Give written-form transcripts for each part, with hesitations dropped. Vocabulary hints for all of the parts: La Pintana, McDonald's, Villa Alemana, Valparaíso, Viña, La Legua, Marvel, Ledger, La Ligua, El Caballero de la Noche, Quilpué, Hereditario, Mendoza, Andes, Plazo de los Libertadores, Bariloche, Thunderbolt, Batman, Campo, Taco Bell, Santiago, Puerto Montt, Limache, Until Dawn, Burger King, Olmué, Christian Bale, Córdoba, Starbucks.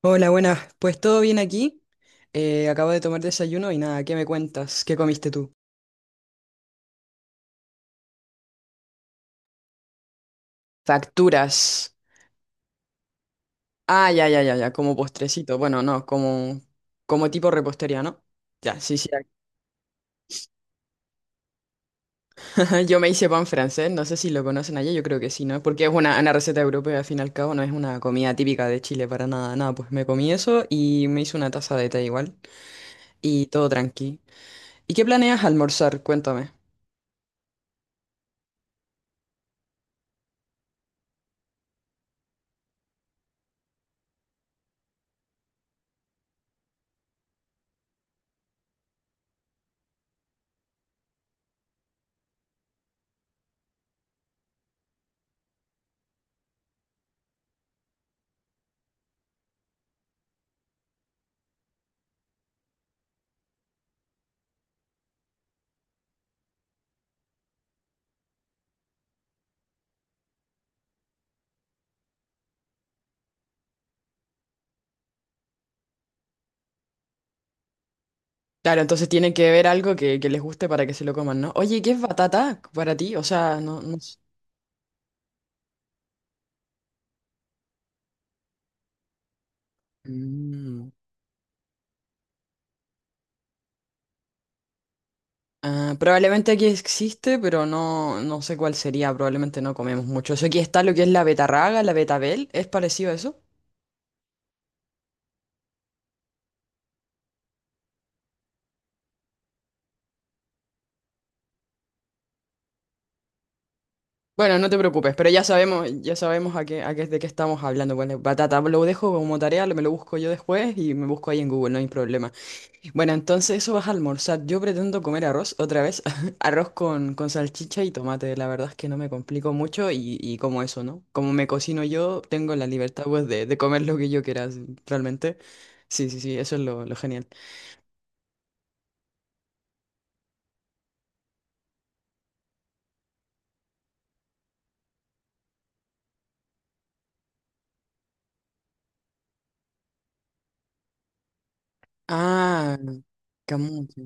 Hola, buenas. Pues todo bien aquí. Acabo de tomar desayuno y nada, ¿qué me cuentas? ¿Qué comiste tú? Facturas. Ah, ya, ya, ya, ya, como postrecito. Bueno, no, como, como tipo repostería, ¿no? Ya, sí, sí. Yo me hice pan francés, no sé si lo conocen allá, yo creo que sí, ¿no? Porque es una receta europea, al fin y al cabo, no es una comida típica de Chile para nada, nada. Pues me comí eso y me hice una taza de té igual. Y todo tranqui. ¿Y qué planeas almorzar? Cuéntame. Claro, entonces tienen que ver algo que les guste para que se lo coman, ¿no? Oye, ¿qué es batata para ti? O sea, no, no s- Mm. Ah, probablemente aquí existe, pero no, no sé cuál sería. Probablemente no comemos mucho. Eso aquí está lo que es la betarraga, la betabel. ¿Es parecido a eso? Bueno, no te preocupes, pero ya sabemos a qué, de qué estamos hablando. Bueno, batata, lo dejo como tarea, lo- me lo busco yo después y me busco ahí en Google, no hay problema. Bueno, entonces eso vas a almorzar. Yo pretendo comer arroz otra vez. Arroz con salchicha y tomate. La verdad es que no me complico mucho y como eso, ¿no? Como me cocino yo, tengo la libertad pues de comer lo que yo quiera, s- realmente. Sí, sí, sí, eso es lo genial. Ah, camucho.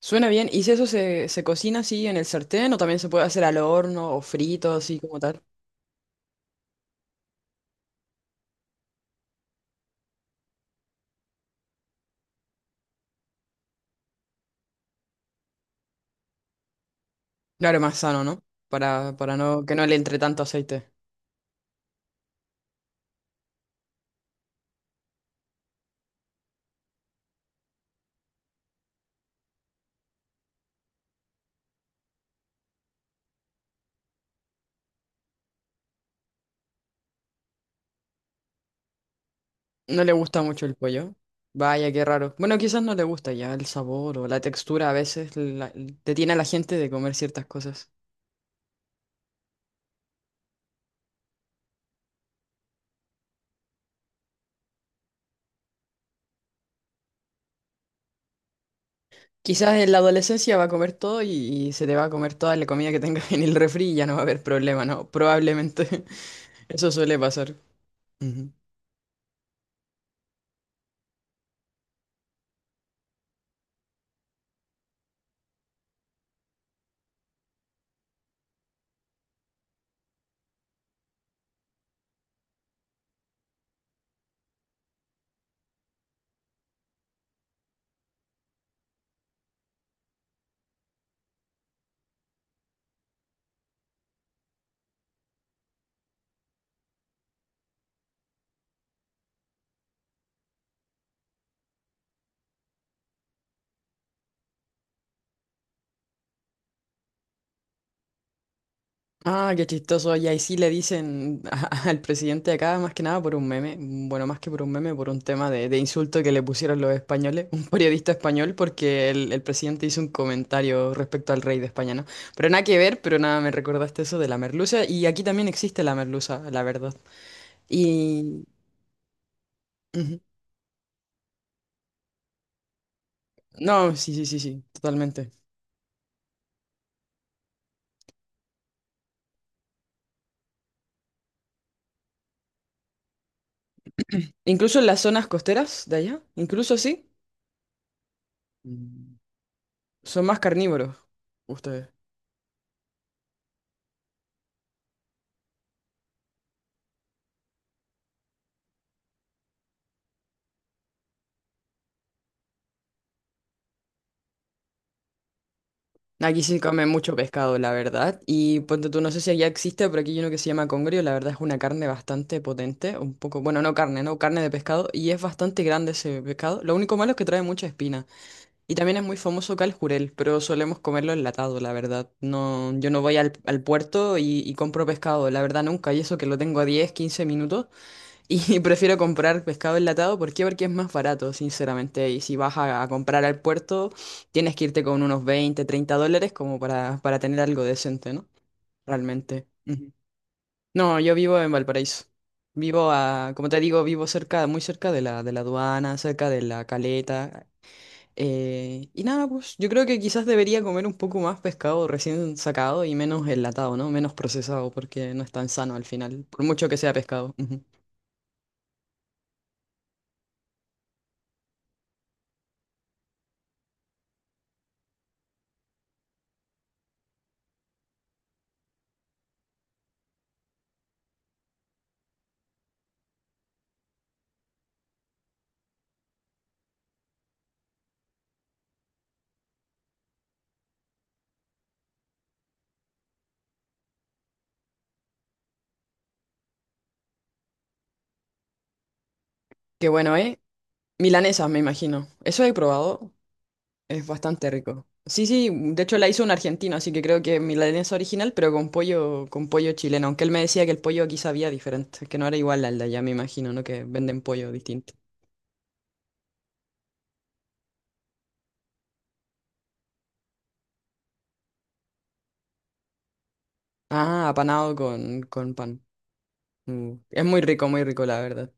Suena bien. ¿Y si eso se, se cocina así en el sartén o también se puede hacer al horno o frito, así como tal? Claro, más sano, ¿no? Para no, que no le entre tanto aceite. No le gusta mucho el pollo. Vaya, qué raro. Bueno, quizás no le gusta ya el sabor o la textura. A veces la- detiene a la gente de comer ciertas cosas. Quizás en la adolescencia va a comer todo y se te va a comer toda la comida que tengas en el refri y ya no va a haber problema, ¿no? Probablemente. Eso suele pasar. Ujú. Ah, qué chistoso. Y ahí sí le dicen a- al presidente de acá, más que nada por un meme, bueno, más que por un meme, por un tema de insulto que le pusieron los españoles, un periodista español, porque el presidente hizo un comentario respecto al rey de España, ¿no? Pero nada que ver, pero nada, me recordaste eso de la merluza, y aquí también existe la merluza, la verdad. Y... ujú. No, sí, sí, sí, sí, totalmente. Incluso en las zonas costeras de allá, incluso sí, Mm. Son más carnívoros ustedes. Aquí se come mucho pescado, la verdad. Y ponte tú, no sé si allá existe, pero aquí hay uno que se llama congrio. La verdad es una carne bastante potente. Un poco, bueno, no carne, no carne de pescado. Y es bastante grande ese pescado. Lo único malo es que trae mucha espina. Y también es muy famoso acá el jurel, pero solemos comerlo enlatado, la verdad. No, yo no voy al, al puerto y compro pescado, la verdad nunca. Y eso que lo tengo a 10 o 15 minutos. Y prefiero comprar pescado enlatado, ¿por qué? Porque es más barato, sinceramente. Y si vas a comprar al puerto, tienes que irte con unos 20 o 30 dólares como para tener algo decente, ¿no? Realmente. Ujú. No, yo vivo en Valparaíso. Vivo a, como te digo, vivo cerca, muy cerca de la aduana, cerca de la Caleta. Y nada, pues yo creo que quizás debería comer un poco más pescado recién sacado y menos enlatado, ¿no? Menos procesado, porque no es tan sano al final, por mucho que sea pescado. Ujú. Qué bueno, ¿eh? Milanesas, me imagino. Eso he probado. Es bastante rico. Sí, sí, de hecho la hizo un argentino, así que creo que milanesa original, pero con pollo chileno. Aunque él me decía que el pollo aquí sabía diferente, que no era igual al de allá, me imagino, ¿no? Que venden pollo distinto. Ah, apanado con pan. Mm. Es muy rico, la verdad.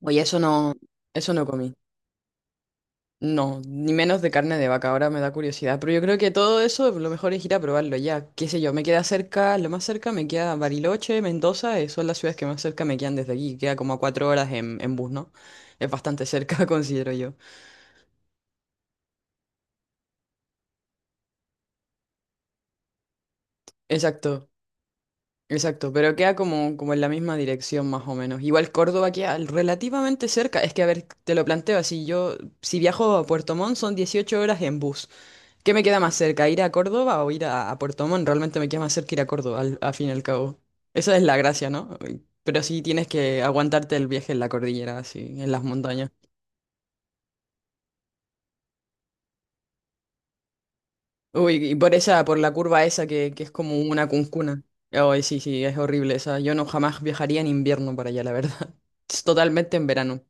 Oye, eso no comí. No, ni menos de carne de vaca, ahora me da curiosidad, pero yo creo que todo eso lo mejor es ir a probarlo ya, qué sé yo, me queda cerca, lo más cerca me queda Bariloche, Mendoza, son las ciudades que más cerca me quedan desde aquí, queda como a 4 horas en bus, ¿no? Es bastante cerca, considero yo. Exacto, exacto, pero queda como, como en la misma dirección más o menos. Igual Córdoba queda relativamente cerca, es que a ver, te lo planteo así, yo si viajo a Puerto Montt son 18 horas en bus. ¿Qué me queda más cerca? ¿Ir a Córdoba o ir a Puerto Montt? Realmente me queda más cerca ir a Córdoba, al, a fin y al cabo. Esa es la gracia, ¿no? Pero sí tienes que aguantarte el viaje en la cordillera, así, en las montañas. Uy, y por esa, por la curva esa que es como una cuncuna. Ay, sí, sí, es horrible esa. Yo no jamás viajaría en invierno para allá, la verdad. Es totalmente en verano.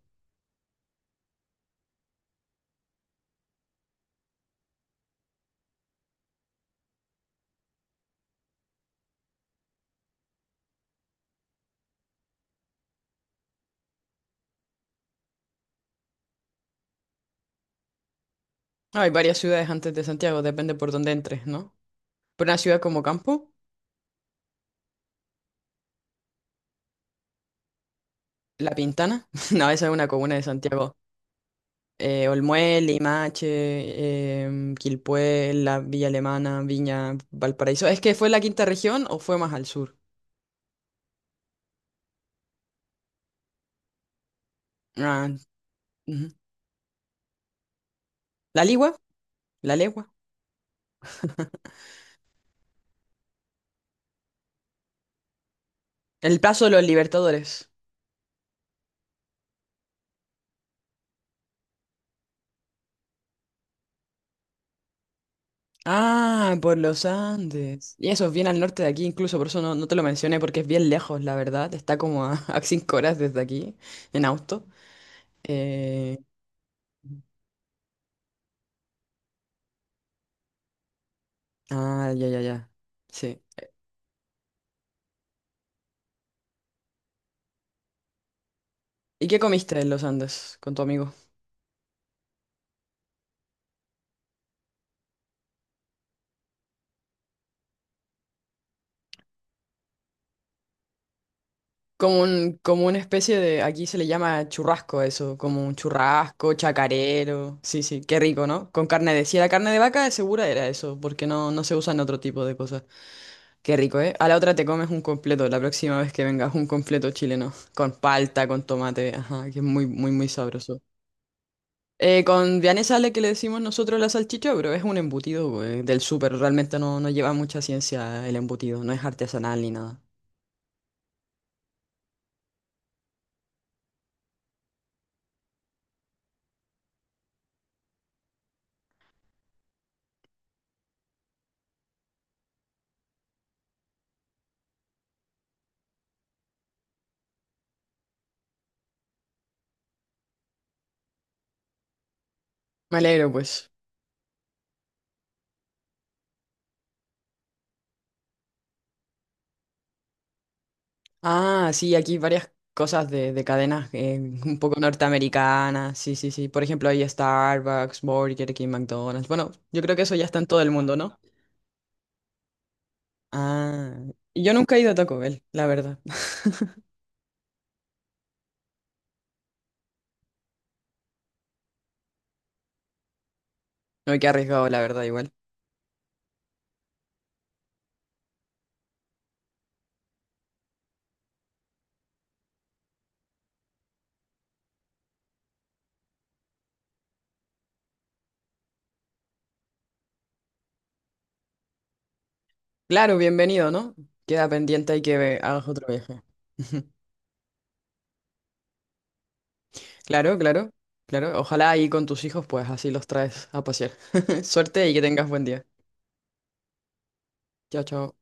Hay varias ciudades antes de Santiago, depende por dónde entres, ¿no? Por una ciudad como Campo, La Pintana. No, esa es una comuna de Santiago. Olmué, Limache, Quilpué, la Villa Alemana, Viña, Valparaíso. ¿Es que fue la quinta región o fue más al sur? Ah, ujú. ¿La Ligua? ¿La Legua? El Plazo de los Libertadores. Ah, por los Andes. Y eso es bien al norte de aquí, incluso por eso no, no te lo mencioné, porque es bien lejos, la verdad. Está como a, a 5 horas desde aquí, en auto. Eh, ya, ya, ya. Sí. ¿Y qué comiste en los Andes con tu amigo? Como un, como una especie de, aquí se le llama churrasco a eso, como un churrasco, chacarero, sí, sí, qué rico, ¿no? Con carne de, si era carne de vaca, de segura era eso, porque no, no se usan otro tipo de cosas. Qué rico, ¿eh? A la otra te comes un completo, la próxima vez que vengas, un completo chileno, con palta, con tomate, ajá, que es muy, muy, muy sabroso. Con vianesa le que le decimos nosotros la salchicha, pero es un embutido, güey, del súper, realmente no, no lleva mucha ciencia el embutido, no es artesanal ni nada. Me alegro, pues. Ah, sí, aquí varias cosas de cadenas un poco norteamericanas. Sí, sí, sí. Por ejemplo, hay Starbucks, Burger King, McDonald's. Bueno, yo creo que eso ya está en todo el mundo, ¿no? Ah, y yo nunca he ido a Taco Bell, la verdad. No, qué arriesgado, la verdad, igual. Claro, bienvenido, ¿no? Queda pendiente y que ve- hagas otro viaje. Claro, claro, claro. Ojalá ahí con tus hijos, pues así los traes a pasear. Suerte y que tengas buen día. Chao, chao.